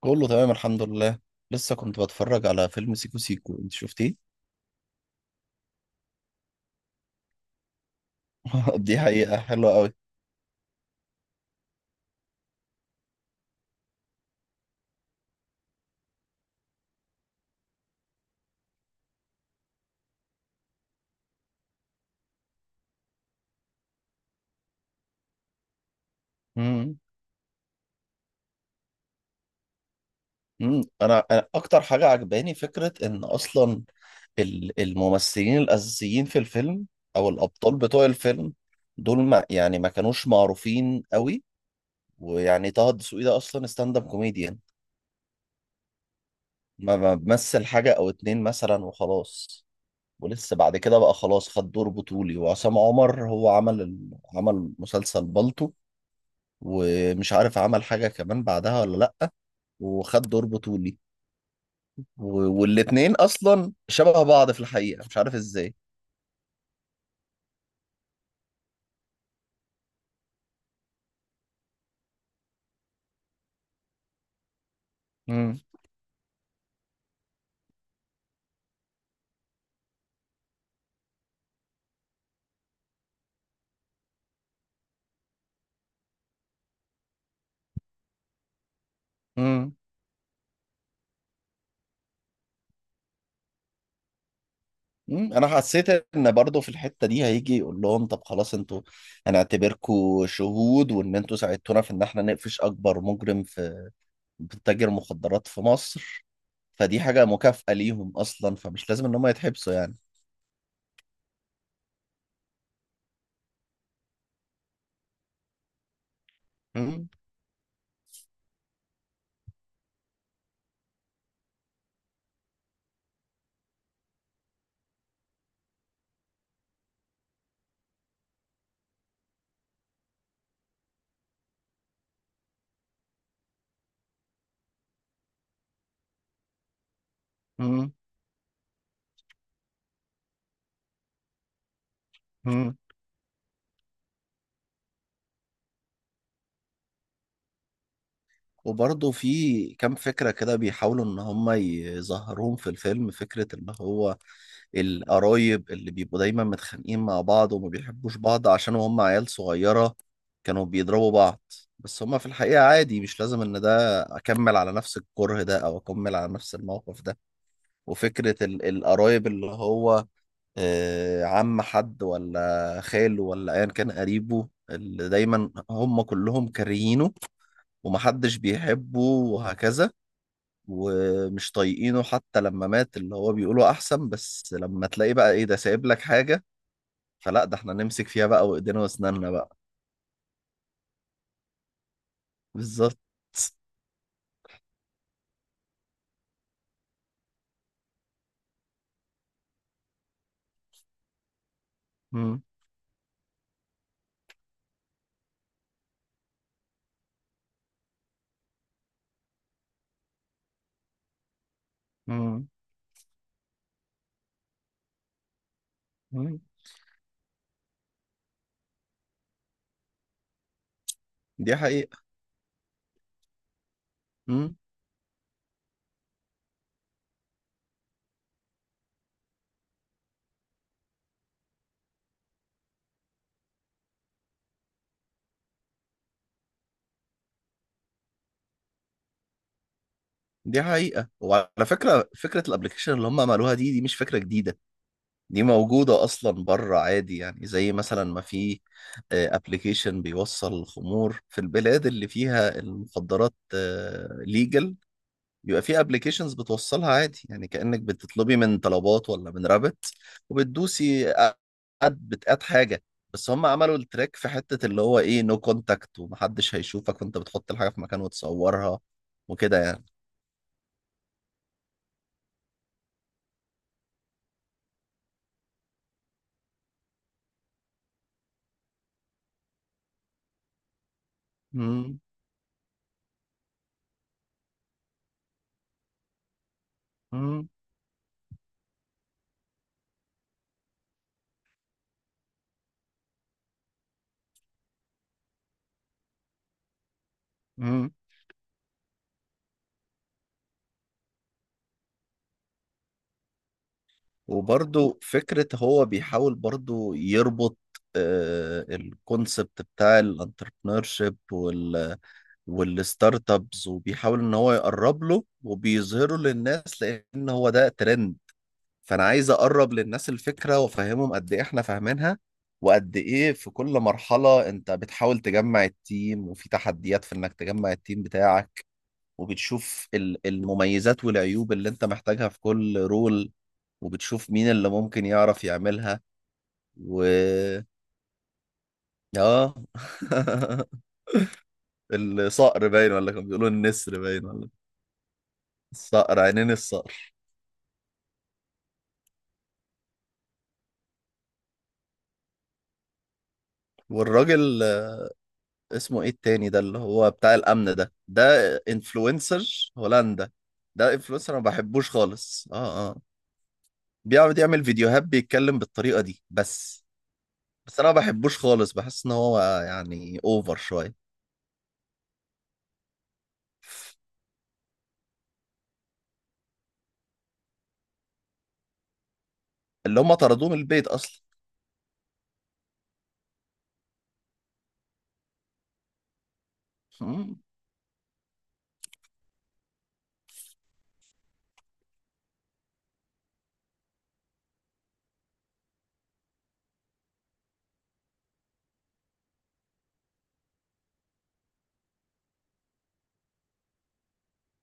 كله تمام الحمد لله. لسه كنت بتفرج على فيلم سيكو سيكو، انت شفتيه؟ دي حقيقة حلوة قوي. مم. مم. انا اكتر حاجة عجباني فكرة ان اصلا الممثلين الاساسيين في الفيلم او الابطال بتوع الفيلم دول ما يعني ما كانوش معروفين قوي، ويعني طه الدسوقي ده اصلا ستاند اب كوميديان، ما بمثل حاجة او اتنين مثلا وخلاص، ولسه بعد كده بقى خلاص خد دور بطولي. وعصام عمر هو عمل مسلسل بالطو، ومش عارف عمل حاجة كمان بعدها ولا لأ، وخد دور بطولي. و- والاتنين أصلا شبه بعض في الحقيقة، مش عارف إزاي. مم. مم. مم. أنا حسيت إن برضه في الحتة دي هيجي يقول لهم طب خلاص أنتوا هنعتبركوا شهود، وإن أنتوا ساعدتونا في إن إحنا نقفش أكبر مجرم تاجر مخدرات في مصر، فدي حاجة مكافأة ليهم أصلا، فمش لازم إن هم يتحبسوا يعني. مم. مم. مم. وبرضه في كام فكرة كده بيحاولوا إن هم يظهروهم في الفيلم، فكرة اللي هو القرايب اللي بيبقوا دايما متخانقين مع بعض وما بيحبوش بعض عشان هم عيال صغيرة كانوا بيضربوا بعض، بس هم في الحقيقة عادي، مش لازم إن ده أكمل على نفس الكره ده أو أكمل على نفس الموقف ده. وفكرة القرايب اللي هو، عم حد ولا خاله ولا أيا كان قريبه اللي دايما هم كلهم كارهينه ومحدش بيحبه وهكذا، ومش طايقينه. حتى لما مات اللي هو بيقولوا احسن، بس لما تلاقي بقى ايه، ده سايب لك حاجة، فلا ده احنا نمسك فيها بقى وايدينا واسناننا بقى. بالظبط. مم. مم. مم. دي حقيقة. مم. دي حقيقة. وعلى فكرة فكرة الابلكيشن اللي هم عملوها دي مش فكرة جديدة، دي موجودة أصلا بره عادي، يعني زي مثلا ما في ابلكيشن بيوصل الخمور في البلاد اللي فيها المخدرات ليجل، بيبقى في ابلكيشنز بتوصلها عادي، يعني كأنك بتطلبي من طلبات ولا من رابط وبتدوسي، اد بتقاد حاجة. بس هم عملوا التريك في حتة اللي هو ايه، نو كونتاكت، ومحدش هيشوفك وانت بتحط الحاجة في مكان وتصورها وكده يعني. مم، مم، مم. وبرضو فكرة هو بيحاول برضو يربط الكونسبت بتاع الانتربرنور شيب والستارت ابس، وبيحاول ان هو يقرب له وبيظهره للناس لان هو ده ترند. فانا عايز اقرب للناس الفكره وافهمهم قد ايه احنا فاهمينها، وقد ايه في كل مرحله انت بتحاول تجمع التيم، وفي تحديات في انك تجمع التيم بتاعك، وبتشوف المميزات والعيوب اللي انت محتاجها في كل رول، وبتشوف مين اللي ممكن يعرف يعملها. و اه الصقر باين ولا كانوا بيقولوا النسر باين ولا؟ الصقر، عينين الصقر. والراجل، اسمه ايه التاني ده اللي هو بتاع الامن ده. ده انفلونسر هولندا. ده انفلونسر، انا ما بحبوش خالص، اه اه. بيقعد يعمل فيديوهات بيتكلم بالطريقه دي بس. بس انا ما بحبوش خالص، بحس ان هو يعني اوفر شويه. اللي هم طردوه من البيت اصلا. مم.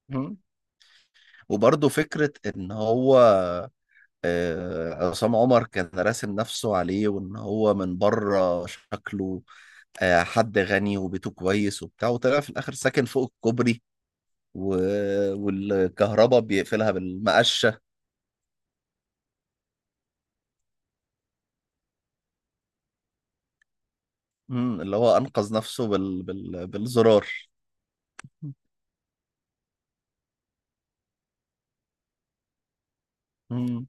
مم. وبرضه فكره ان هو، عصام عمر كان راسم نفسه عليه، وان هو من بره شكله حد غني وبيته كويس وبتاع، وطلع في الاخر ساكن فوق الكوبري. و... والكهرباء بيقفلها بالمقشة. مم. اللي هو أنقذ نفسه بالزرار. مم.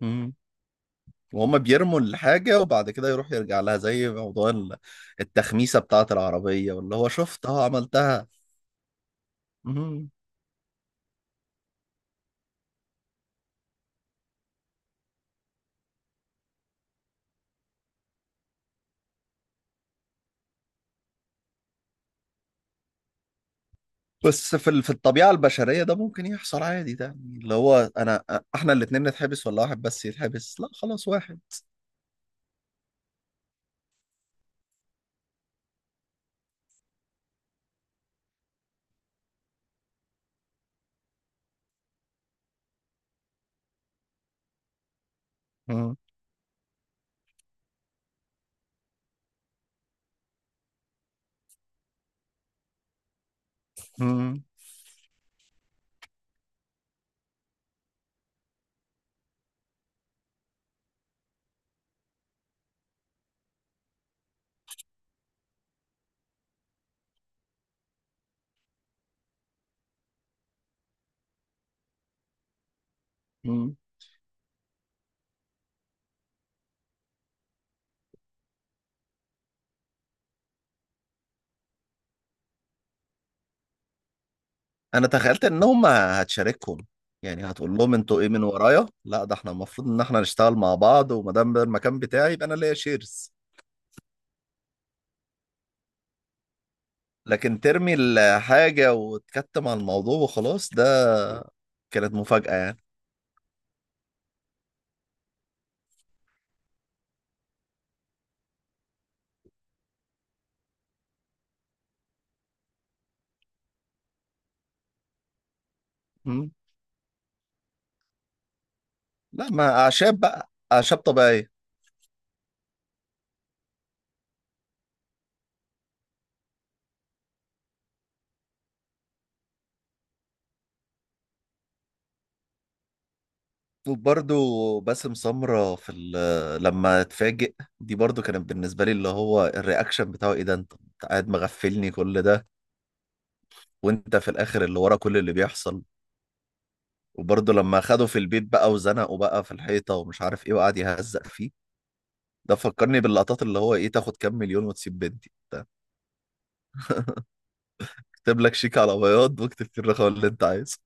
مم. وهم بيرموا الحاجة وبعد كده يروح يرجع لها، زي موضوع التخميسة بتاعة العربية واللي هو شفتها عملتها. مم. بس في الطبيعة البشرية ده ممكن يحصل عادي، ده يعني اللي هو إحنا الاتنين نتحبس ولا واحد بس يتحبس. لا خلاص واحد. مم. مم. انا تخيلت انهم هتشاركهم، يعني هتقول لهم انتوا ايه من ورايا؟ لا ده احنا المفروض ان احنا نشتغل مع بعض، وما دام ده المكان بتاعي يبقى انا ليا شيرز. لكن ترمي الحاجة وتكتم على الموضوع وخلاص، ده كانت مفاجأة يعني. مم. لا، ما أعشاب بقى، أعشاب طبيعية. وبرضو باسم سمرة لما اتفاجئ، دي برضو كانت بالنسبة لي اللي هو الرياكشن بتاعه، ايه ده، انت قاعد مغفلني كل ده، وانت في الاخر اللي ورا كل اللي بيحصل. وبرضه لما اخده في البيت بقى وزنقه بقى في الحيطة ومش عارف ايه، وقعد يهزق فيه. ده فكرني باللقطات اللي هو ايه، تاخد كام مليون وتسيب بنتي، اكتب لك شيك على بياض واكتب فيه الرقم اللي انت عايزه.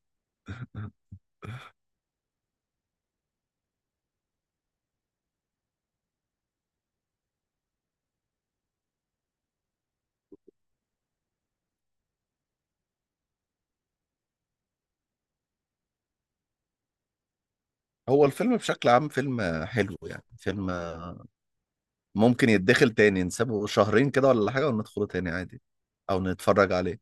هو الفيلم بشكل عام فيلم حلو، يعني فيلم ممكن يتدخل تاني، نسيبه شهرين كده ولا حاجة وندخله تاني عادي او نتفرج عليه.